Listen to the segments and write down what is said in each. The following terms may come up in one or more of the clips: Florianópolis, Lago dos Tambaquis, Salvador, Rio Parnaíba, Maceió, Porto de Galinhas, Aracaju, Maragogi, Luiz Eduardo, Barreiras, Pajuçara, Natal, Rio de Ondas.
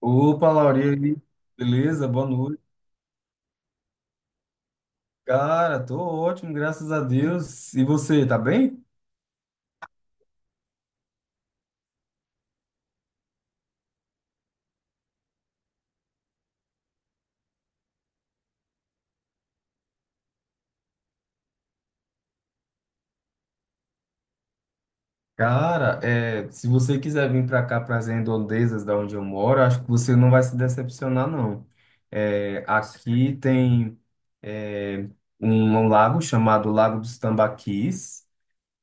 Opa, Lauri, aí? Beleza? Boa noite. Cara, tô ótimo, graças a Deus. E você, tá bem? Cara, se você quiser vir para cá, para as redondezas da onde eu moro, acho que você não vai se decepcionar, não. É, aqui tem é, um lago chamado Lago dos Tambaquis.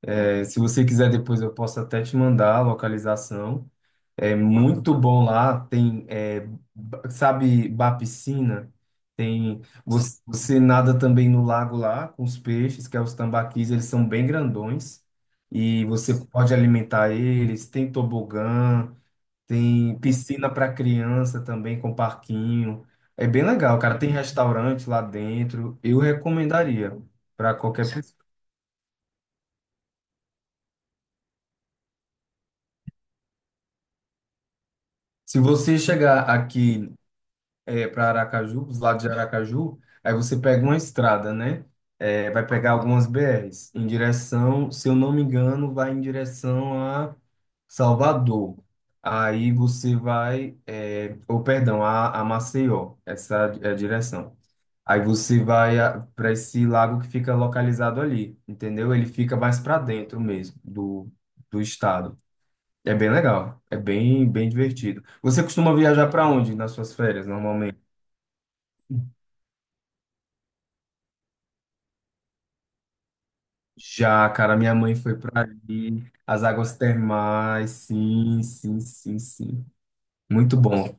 É, se você quiser, depois eu posso até te mandar a localização. É muito bom lá. Tem, sabe, ba piscina. Tem você nada também no lago lá com os peixes, que é os tambaquis. Eles são bem grandões e você pode alimentar eles. Tem tobogã, tem piscina para criança também com parquinho. É bem legal, cara. Tem restaurante lá dentro. Eu recomendaria para qualquer pessoa. Se você chegar aqui É para Aracaju, os lados de Aracaju, aí você pega uma estrada, né? É, vai pegar algumas BRs em direção, se eu não me engano, vai em direção a Salvador. Aí você vai, ou perdão, a Maceió, essa é a direção. Aí você vai para esse lago que fica localizado ali, entendeu? Ele fica mais para dentro mesmo do estado. É bem legal, é bem divertido. Você costuma viajar para onde nas suas férias, normalmente? Já, cara, minha mãe foi pra ali. As águas termais, sim, sim, sim, sim. Muito bom.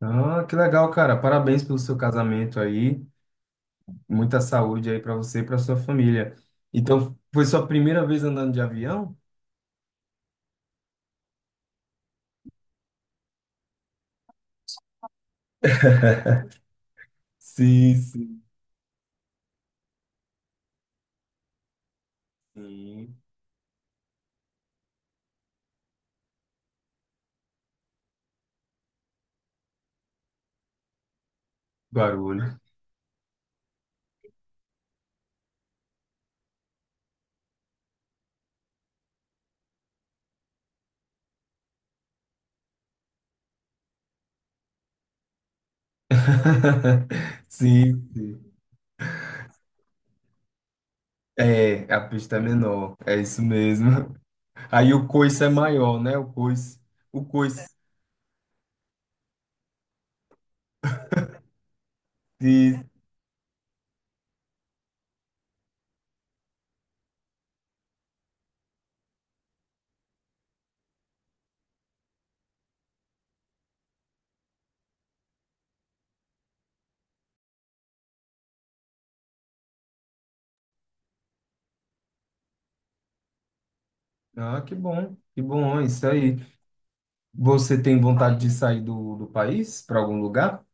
Ah, que legal, cara. Parabéns pelo seu casamento aí. Muita saúde aí pra você e pra sua família. Então, foi sua primeira vez andando de avião? Sim, sim, sim. Barulho. Sim, sim. É, a pista é menor, é isso mesmo. Aí o coice é maior, né? O coice. O coice. Ah, que bom, é isso aí. Você tem vontade de sair do país para algum lugar?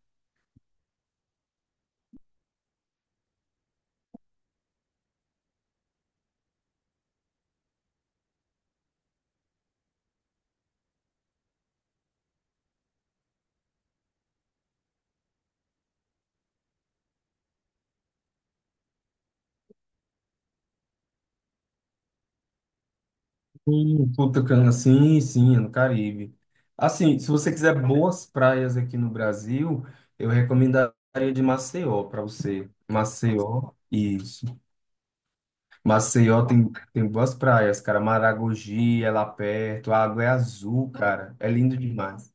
Puta cana, sim, sim, é no Caribe. Assim, se você quiser boas praias aqui no Brasil, eu recomendaria de Maceió para você. Maceió, isso. Maceió tem, tem boas praias, cara. Maragogi é lá perto, a água é azul, cara. É lindo demais.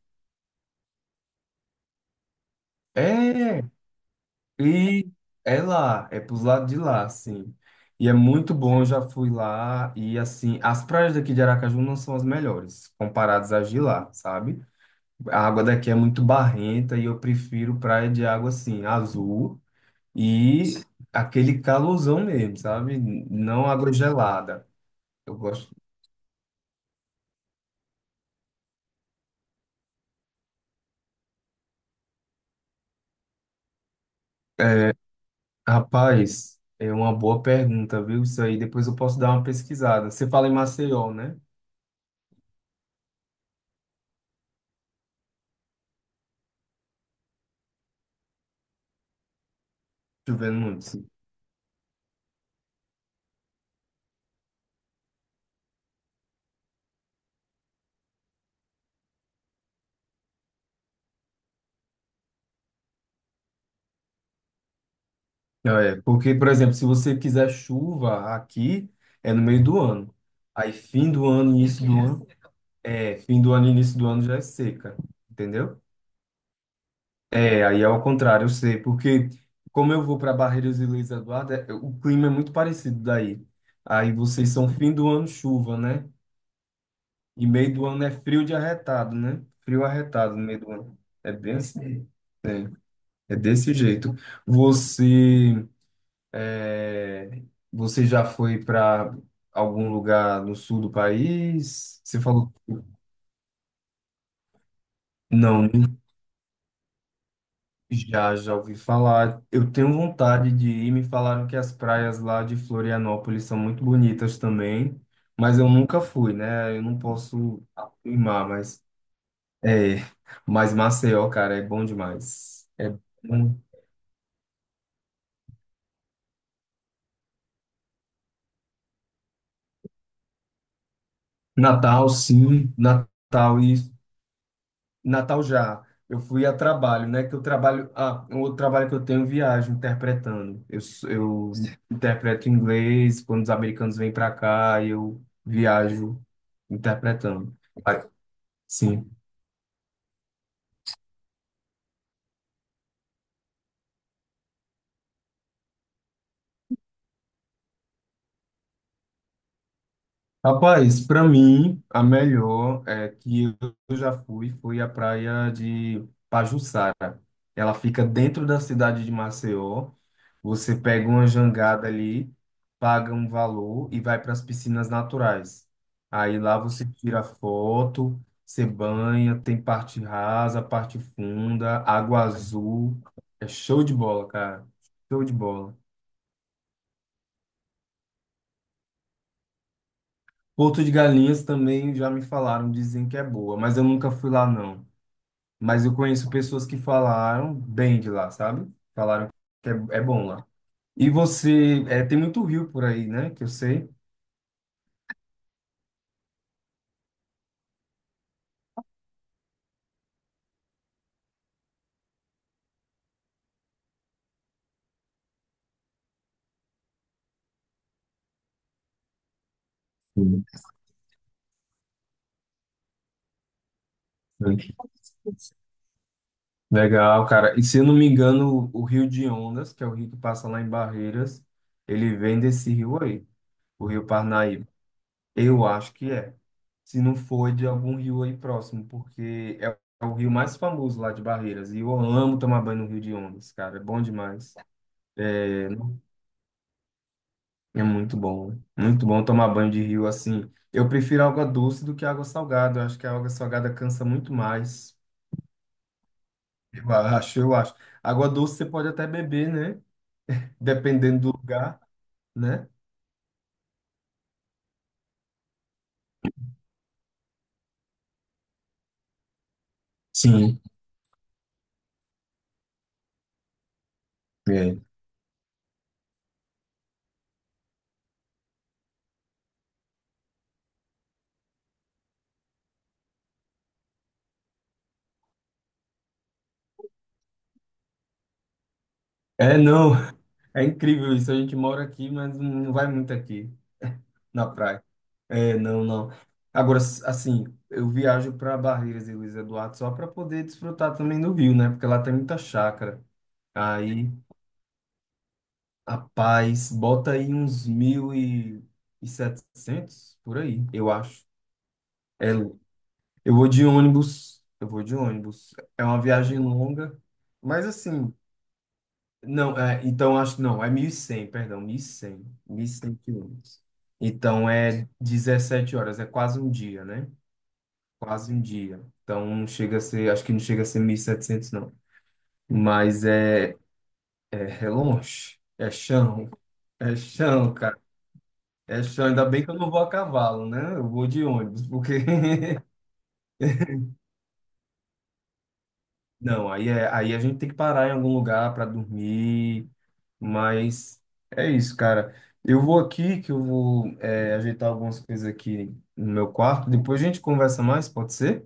É, E é lá, é pros lados de lá, assim. E é muito bom, eu já fui lá. E assim, as praias daqui de Aracaju não são as melhores, comparadas às de lá, sabe? A água daqui é muito barrenta e eu prefiro praia de água assim, azul e aquele calorzão mesmo, sabe? Não água gelada. Eu gosto. É, rapaz, é uma boa pergunta, viu? Isso aí depois eu posso dar uma pesquisada. Você fala em Maceió, né? Chovendo muito. É, porque, por exemplo, se você quiser chuva aqui, é no meio do ano. Aí, fim do ano, início do ano já é seca, entendeu? É, aí é ao contrário, eu sei, porque como eu vou para Barreiras e Luiz Eduardo, o clima é muito parecido daí. Aí vocês são fim do ano chuva, né? E meio do ano é frio de arretado, né? Frio arretado no meio do ano. É bem assim. É, é desse jeito. Você É, Você já foi para algum lugar no sul do país? Você falou, não, nem- já, já ouvi falar. Eu tenho vontade de ir. Me falaram que as praias lá de Florianópolis são muito bonitas também, mas eu nunca fui, né? Eu não posso afirmar, é, mas Maceió, cara, é bom demais. É bom. Natal, sim, Natal já. Eu fui a trabalho, né? Que eu trabalho. Ah, um outro trabalho que eu tenho, viagem, interpretando. Eu interpreto inglês quando os americanos vêm para cá, eu viajo interpretando. Ah, Sim. Rapaz, para mim, a melhor é que eu já fui, foi a praia de Pajuçara. Ela fica dentro da cidade de Maceió. Você pega uma jangada ali, paga um valor e vai para as piscinas naturais. Aí lá você tira foto, você banha, tem parte rasa, parte funda, água azul. É show de bola, cara. Show de bola. Porto de Galinhas também já me falaram, dizem que é boa, mas eu nunca fui lá não. Mas eu conheço pessoas que falaram bem de lá, sabe? Falaram que é bom lá. E você, é, tem muito rio por aí, né? Que eu sei. Sim, sim. Legal, cara. E se eu não me engano, o Rio de Ondas, que é o rio que passa lá em Barreiras, ele vem desse rio aí, o Rio Parnaíba. Eu acho que é. Se não for de algum rio aí próximo, porque é o rio mais famoso lá de Barreiras. E eu amo tomar banho no Rio de Ondas, cara. É bom demais. É, é muito bom. Né? Muito bom tomar banho de rio assim. Eu prefiro água doce do que água salgada. Eu acho que a água salgada cansa muito mais. Eu acho. Água doce você pode até beber, né? Dependendo do lugar, né? Sim. É. É, não, é incrível isso. A gente mora aqui, mas não vai muito aqui na praia. É, não, não. Agora, assim, eu viajo para Barreiras e Luiz Eduardo só para poder desfrutar também do Rio, né? Porque lá tem muita chácara. Aí, rapaz, bota aí uns 1.700 por aí, eu acho. É, eu vou de ônibus. É uma viagem longa, mas assim. Não, é, então acho que não, é 1.100, 1.100 quilômetros. Então é 17 horas, é quase um dia, né? Quase um dia. Então não chega a ser, acho que não chega a ser 1.700, não. Mas é longe, é chão, cara. É chão, ainda bem que eu não vou a cavalo, né? Eu vou de ônibus, porque Não, aí a gente tem que parar em algum lugar para dormir, mas é isso, cara. Eu vou aqui, que eu vou ajeitar algumas coisas aqui no meu quarto. Depois a gente conversa mais, pode ser?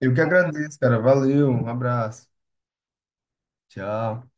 Eu que agradeço, cara. Valeu, um abraço. Tchau.